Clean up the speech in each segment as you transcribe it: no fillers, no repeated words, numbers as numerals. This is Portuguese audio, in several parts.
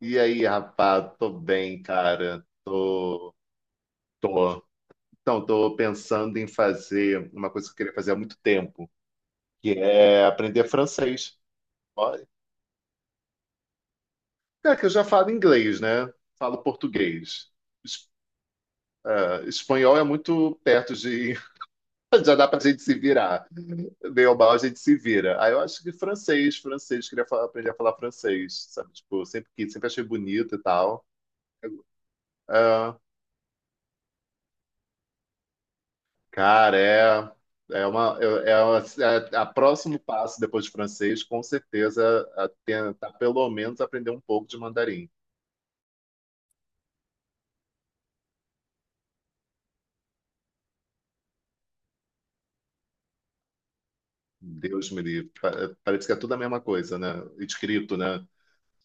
E aí, rapaz, tô bem, cara. Tô, tô. Então, tô pensando em fazer uma coisa que eu queria fazer há muito tempo, que é aprender francês. Olha, cara, que eu já falo inglês, né? Falo português. Es- ah, Espanhol é muito perto de. Já dá pra gente se virar. Bem ou mal, a gente se vira. Aí eu acho que francês, francês, aprender a falar francês, sabe? Tipo, sempre quis, sempre achei bonito e tal. Ah, cara, é, é uma, é, é uma- é a próximo passo depois de francês, com certeza, a tentar pelo menos aprender um pouco de mandarim. Deus me livre. Parece que é tudo a mesma coisa, né? Escrito, né?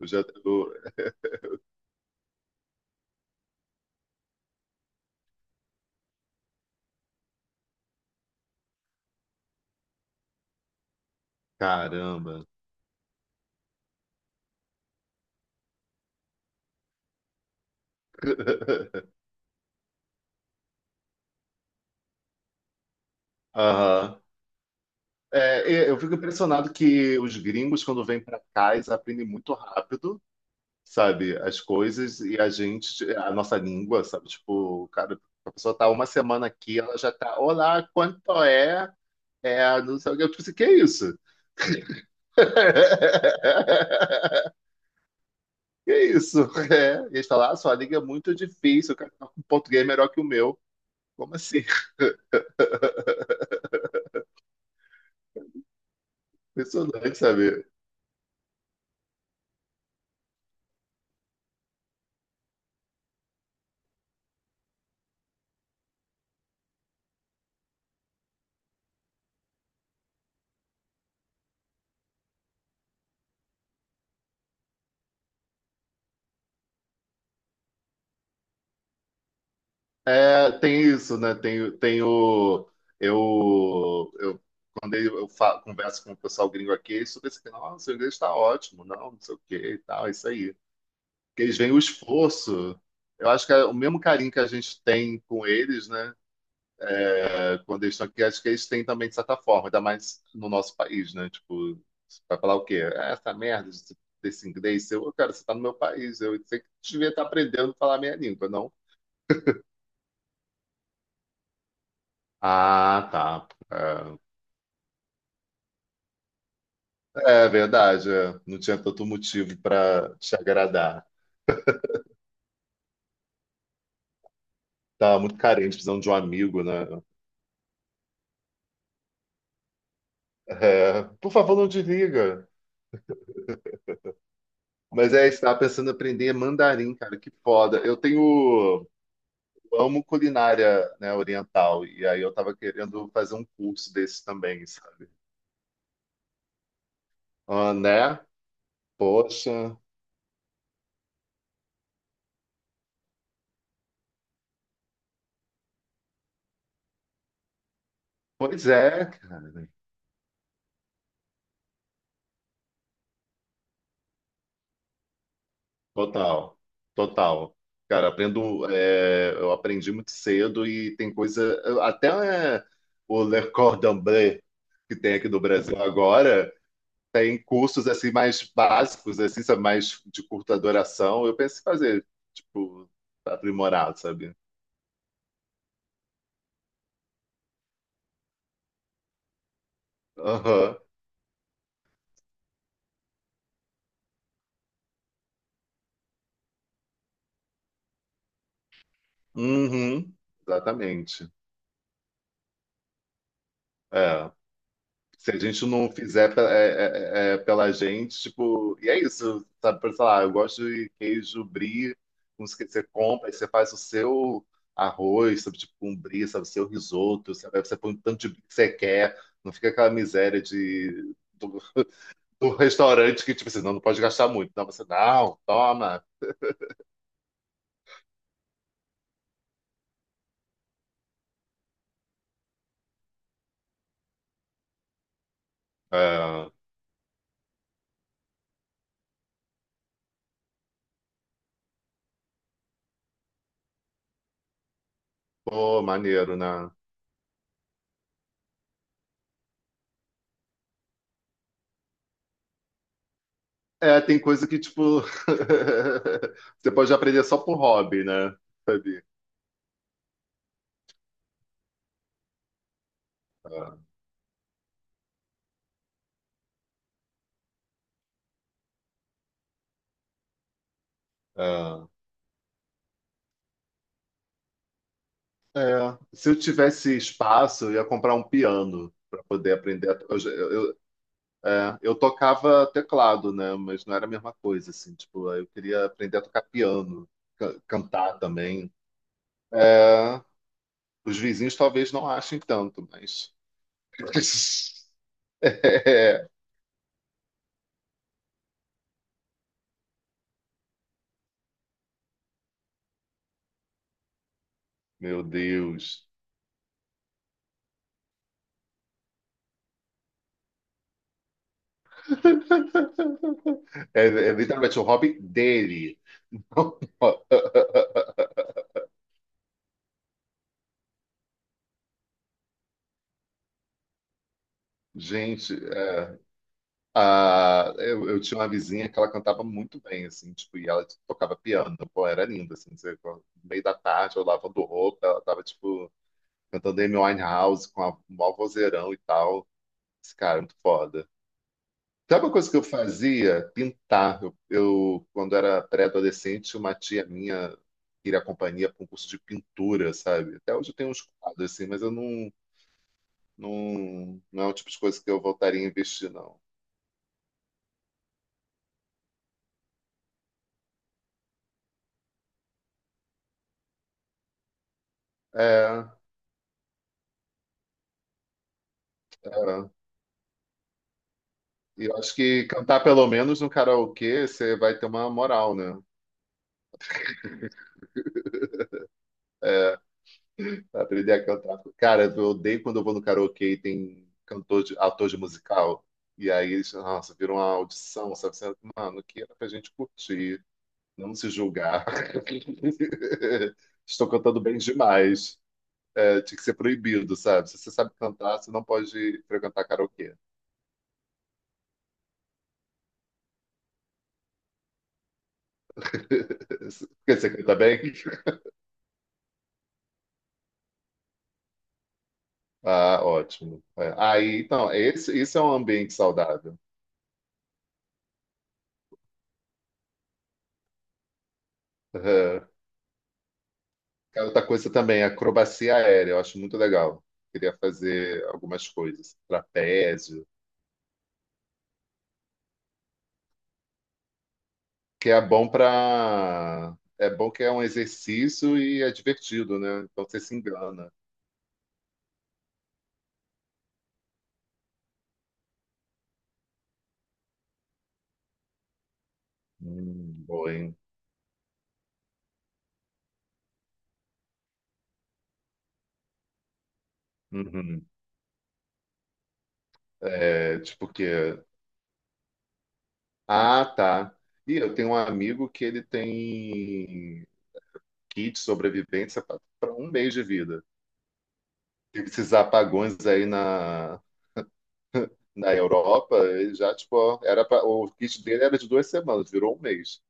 Eu já, eu- Caramba. Aham. É, eu fico impressionado que os gringos, quando vêm para cá, eles aprendem muito rápido, sabe, as coisas e a gente, a nossa língua, sabe, tipo, cara, a pessoa tá uma semana aqui, ela já tá, olá, quanto é? É, não sei o que. Eu tipo assim, que é isso? Que isso? É. E eles falaram, ah, sua língua é muito difícil, o cara tá com português é melhor que o meu. Como assim? Impressionante, sabe? É, tem isso, né? Tem o. Eu, eu, quando eu converso com o pessoal gringo aqui, eles ficam assim, nossa, seu inglês está ótimo, não, não sei o que e tal, é isso aí. Porque eles veem o esforço. Eu acho que é o mesmo carinho que a gente tem com eles, né? É, clandestino, que acho que eles têm também, de certa forma, ainda mais no nosso país, né? Tipo, vai falar o quê? Ah, essa merda desse inglês, eu, cara, você tá no meu país, eu sei que devia estar aprendendo a falar a minha língua, não? Ah, tá. É, é verdade, é. Não tinha tanto motivo para te agradar. Tava muito carente, precisando de um amigo, né? É, por favor, não desliga. Mas é, estava pensando em aprender mandarim, cara, que foda. Eu tenho. Amo culinária, né, oriental. E aí eu tava querendo fazer um curso desse também, sabe? Ah, né? Poxa. Pois é, cara. Total. Total. Cara, aprendo, é, eu aprendi muito cedo e tem coisa. Até é, o Le Cordon Bleu, que tem aqui do Brasil agora, tem cursos assim mais básicos, assim, sabe, mais de curta duração. Eu penso em fazer, tipo, aprimorado, sabe? Aham. Uhum, exatamente. É. Se a gente não fizer pela gente, tipo, e é isso, sabe? Por, sei lá, eu gosto de queijo brie, com os que você compra, aí você faz o seu arroz, sabe? Tipo, um brie, sabe? O seu risoto, sabe? Aí você põe o tanto de brie que você quer, não fica aquela miséria de, do, do restaurante que, tipo assim, não, não pode gastar muito. Não, você, não, toma. É, pô, maneiro, né? É, tem coisa que, tipo, você pode aprender só por hobby, né? Sabe? É. É. É, se eu tivesse espaço, eu ia comprar um piano para poder aprender. A to- Eu, já- eu- é, Eu tocava teclado, né? Mas não era a mesma coisa, assim. Tipo, eu queria aprender a tocar piano, cantar também. É. Os vizinhos talvez não achem tanto, mas. É, meu Deus. É, é literalmente o hobby dele. Gente, é, eu tinha uma vizinha que ela cantava muito bem, assim, tipo, e ela tocava piano, pô, era linda, assim, no meio da tarde, eu lavando roupa, ela tava, tipo, cantando Amy Winehouse com a, um maior vozeirão e tal, esse cara, é muito foda. Sabe uma coisa que eu fazia? Pintar. Quando era pré-adolescente, uma tia minha queria companhia para um curso de pintura, sabe? Até hoje eu tenho uns quadros, assim, mas eu não, não, não é o tipo de coisa que eu voltaria a investir, não. É... é. E eu acho que cantar pelo menos no karaokê, você vai ter uma moral, né? Pra aprender a cantar. Cara, eu odeio quando eu vou no karaokê e tem cantor de, ator de musical. E aí eles, nossa, viram uma audição, sabe? Você, mano, que era pra gente curtir, não se julgar. Estou cantando bem demais. É, tinha que ser proibido, sabe? Se você sabe cantar, você não pode frequentar karaokê. Porque você canta bem? Ah, ótimo. É. Aí, então, esse, isso é um ambiente saudável. Aham. Cara, outra coisa também, acrobacia aérea, eu acho muito legal. Queria fazer algumas coisas, trapézio, que é bom para, é bom que é um exercício e é divertido, né? Então você se engana. Bom, hein? Uhum. É, tipo que, ah, tá. E eu tenho um amigo que ele tem kit de sobrevivência para um mês de vida. Tem esses apagões aí na Europa, ele já, tipo, ó, era pra, o kit dele era de 2 semanas, virou um mês.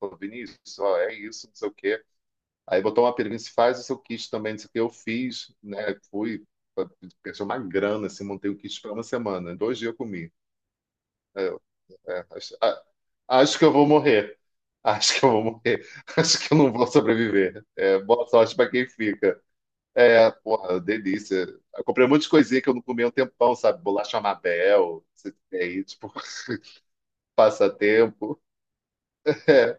Falou, Vinícius, ó, é isso, não sei o quê. Aí botou uma pergunta, se faz o seu kit também, não sei o quê. Eu fiz, né? Fui, pensei uma grana, assim, montei o kit para uma semana. Em 2 dias eu comi. Aí eu, é, acho, a- acho que eu vou morrer. Acho que eu vou morrer. Acho que eu não vou sobreviver. É, boa sorte para quem fica. É, porra, delícia. Eu comprei um monte de coisinha que eu não comia há um tempão, sabe? Bolacha Mabel, é, tipo, passatempo. É,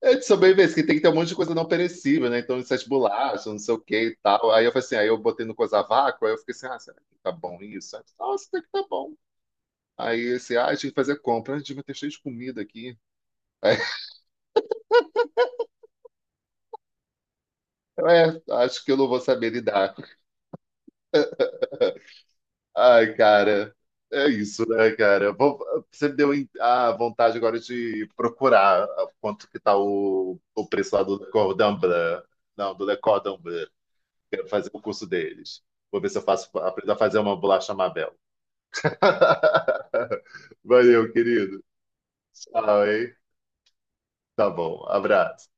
é de sobrevivência, que tem que ter um monte de coisa não perecível, né? Então, essas bolachas, não sei o que e tal. Aí eu falei assim, aí eu botei no coisa vácuo, aí eu fiquei assim, ah, será que tá bom isso? Aí, eu falei, nossa, até que tá bom. Aí assim, ah, tinha que fazer compra, ah, devia ter cheio de comida aqui. Aí, eu, acho que eu não vou saber lidar. Ai, cara, é isso, né, cara? Você me deu a vontade agora de procurar quanto que tá o, preço lá do Cordon Bleu. Não, do Le Cordon Bleu. Quero fazer o curso deles. Vou ver se eu faço, aprendo a fazer uma bolacha Mabel. Valeu, querido. Tchau, hein? Tá bom. Abraço.